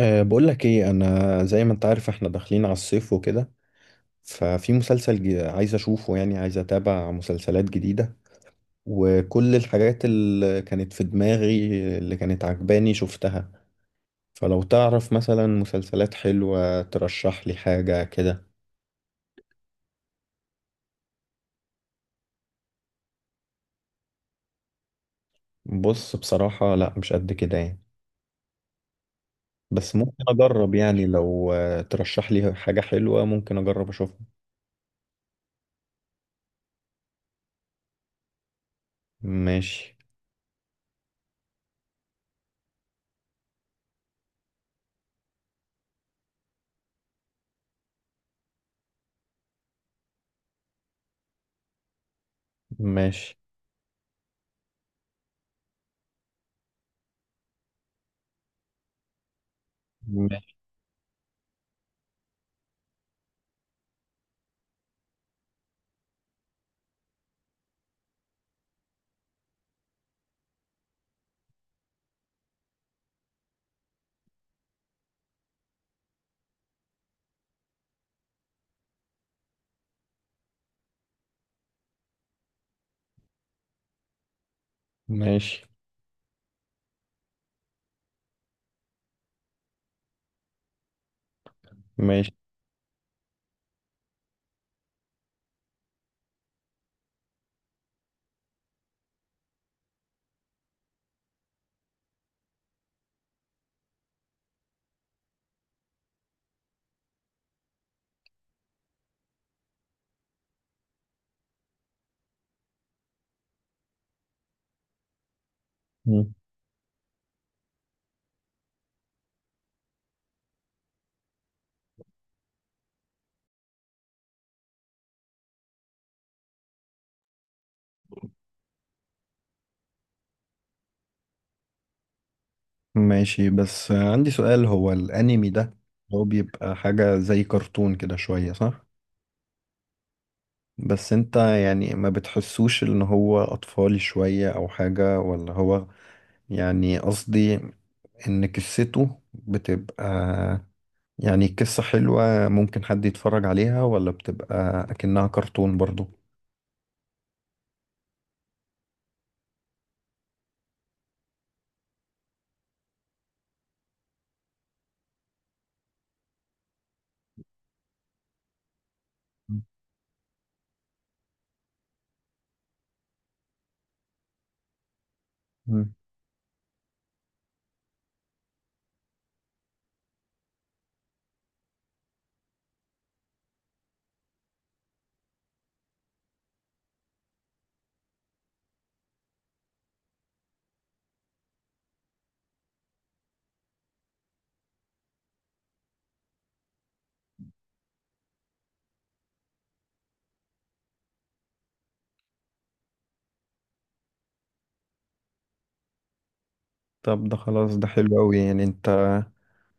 بقول لك ايه، انا زي ما انت عارف احنا داخلين على الصيف وكده. ففي مسلسل عايز اشوفه، يعني عايز اتابع مسلسلات جديدة وكل الحاجات اللي كانت في دماغي اللي كانت عجباني شفتها. فلو تعرف مثلا مسلسلات حلوة ترشح لي حاجة كده. بص بصراحة لا، مش قد كده يعني، بس ممكن اجرب يعني. لو ترشح لي حاجة حلوة ممكن اجرب اشوفها. ماشي. ماشي. ماشي. ماشي. ماشي. ماشي. بس عندي سؤال، هو الانمي ده هو بيبقى حاجة زي كرتون كده شوية صح؟ بس انت يعني ما بتحسوش ان هو اطفالي شوية او حاجة، ولا هو يعني قصدي ان قصته بتبقى يعني قصة حلوة ممكن حد يتفرج عليها، ولا بتبقى اكنها كرتون برضو؟ مم. طب ده خلاص، ده حلو قوي يعني. انت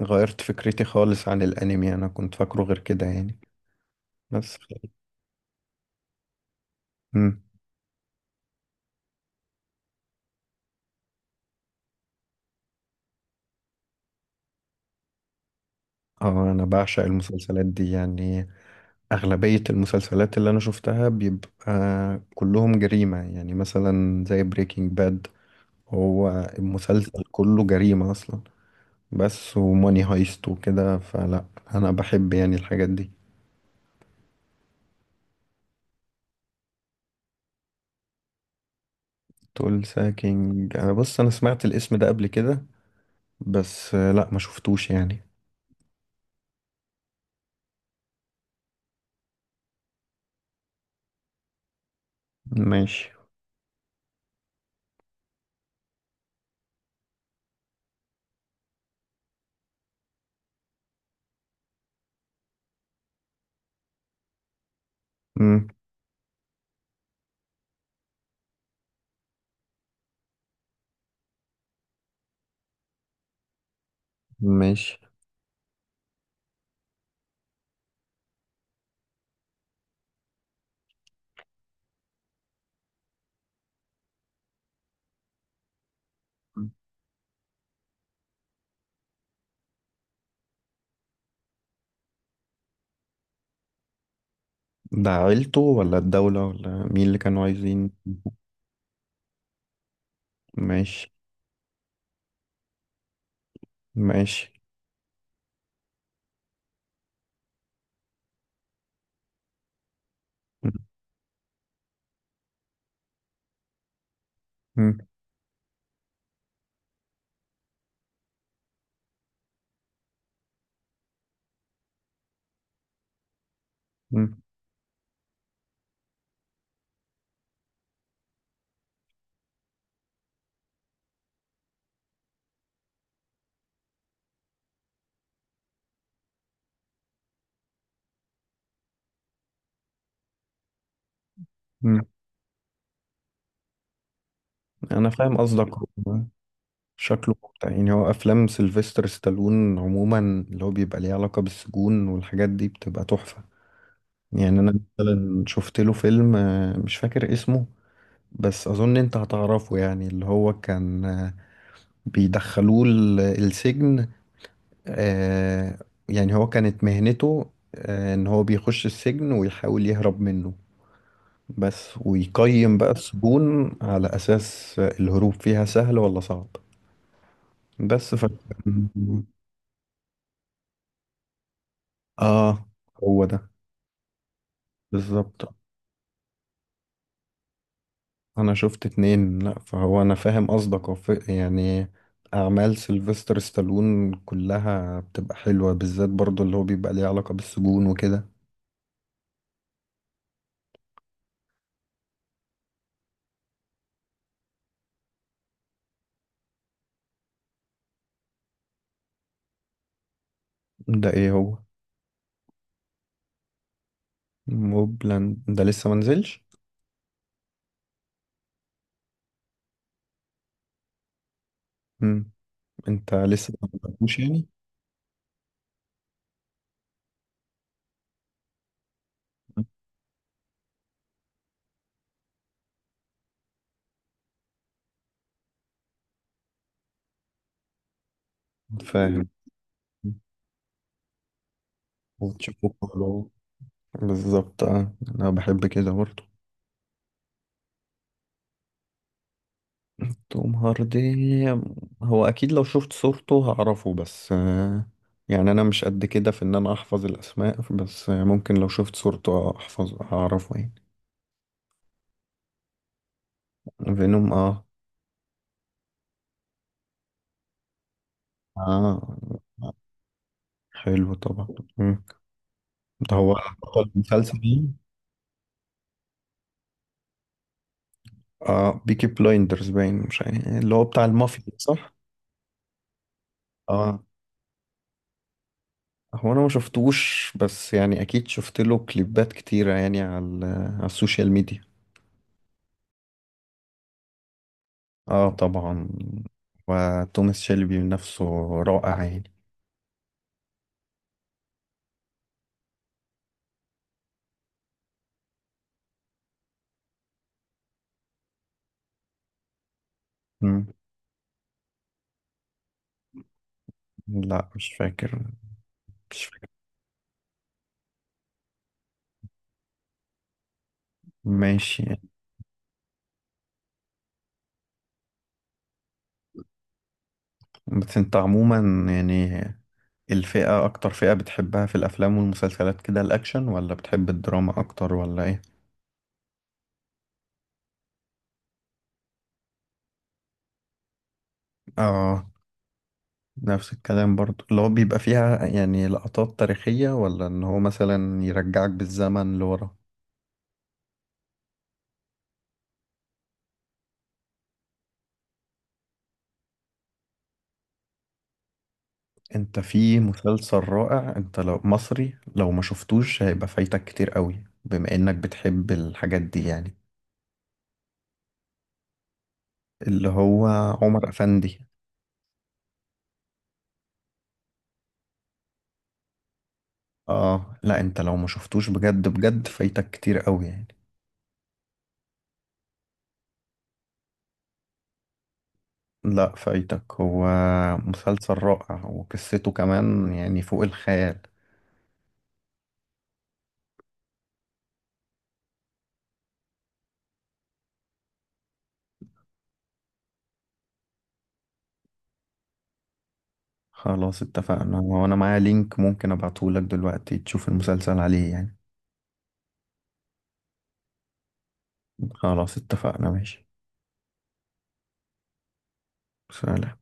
غيرت فكرتي خالص عن الانمي، انا كنت فاكره غير كده يعني بس. مم. اه انا بعشق المسلسلات دي يعني. اغلبية المسلسلات اللي انا شفتها بيبقى كلهم جريمة، يعني مثلا زي بريكنج باد، هو المسلسل كله جريمة اصلا. بس وماني هايست وكده، فلا انا بحب يعني الحاجات دي. تقول ساكينج؟ انا بص انا سمعت الاسم ده قبل كده، بس لا ما شفتوش يعني. ماشي. مم. ماشي. ده عيلته ولا الدولة ولا مين اللي كانوا عايزين؟ ماشي. ماشي. مم. مم. انا فاهم قصدك. هو شكله ممتع يعني. هو افلام سيلفستر ستالون عموما اللي هو بيبقى ليه علاقة بالسجون والحاجات دي بتبقى تحفة. يعني انا مثلا شفت له فيلم مش فاكر اسمه، بس اظن انت هتعرفه يعني. اللي هو كان بيدخلوه السجن، آه، يعني هو كانت مهنته ان هو بيخش السجن ويحاول يهرب منه بس، ويقيم بقى السجون على أساس الهروب فيها سهل ولا صعب. بس اه هو ده بالظبط. انا شفت اتنين. لا فهو انا فاهم قصدك. هو يعني اعمال سيلفستر ستالون كلها بتبقى حلوة، بالذات برضو اللي هو بيبقى ليه علاقة بالسجون وكده. ده ايه هو؟ موبلاند ده لسه منزلش؟ مم. انت لسه ما بدأتوش يعني؟ فاهم. وتشوفه كله. بالظبط اه. انا بحب كده برضه. توم هاردي، هو اكيد لو شفت صورته هعرفه، بس يعني انا مش قد كده في ان انا احفظ الاسماء، بس ممكن لو شفت صورته احفظ هعرفه يعني. فينوم اه. اه، حلو طبعا. مم. ده هو بطل المسلسل ده؟ اه، بيكي بلايندرز، باين مش عارف اللي هو بتاع المافيا صح؟ اه، هو انا ما شفتوش بس يعني اكيد شفت له كليبات كتيرة يعني على السوشيال ميديا. اه طبعا. وتوماس شيلبي نفسه رائع يعني. مم. لا مش فاكر. مش فاكر. ماشي. بس انت عموما يعني الفئة، أكتر فئة بتحبها في الأفلام والمسلسلات كده، الأكشن ولا بتحب الدراما أكتر ولا إيه؟ آه. نفس الكلام، برضو اللي هو بيبقى فيها يعني لقطات تاريخية، ولا إن هو مثلا يرجعك بالزمن لورا. انت في مسلسل رائع، انت لو مصري لو ما شفتوش هيبقى فايتك كتير قوي، بما انك بتحب الحاجات دي يعني. اللي هو عمر افندي. اه لا، انت لو ما شفتوش بجد بجد فايتك كتير قوي يعني. لا فايتك. هو مسلسل رائع، وقصته كمان يعني فوق الخيال. خلاص اتفقنا. وانا معايا لينك ممكن ابعتهولك دلوقتي تشوف المسلسل عليه يعني. خلاص اتفقنا ماشي. سلام.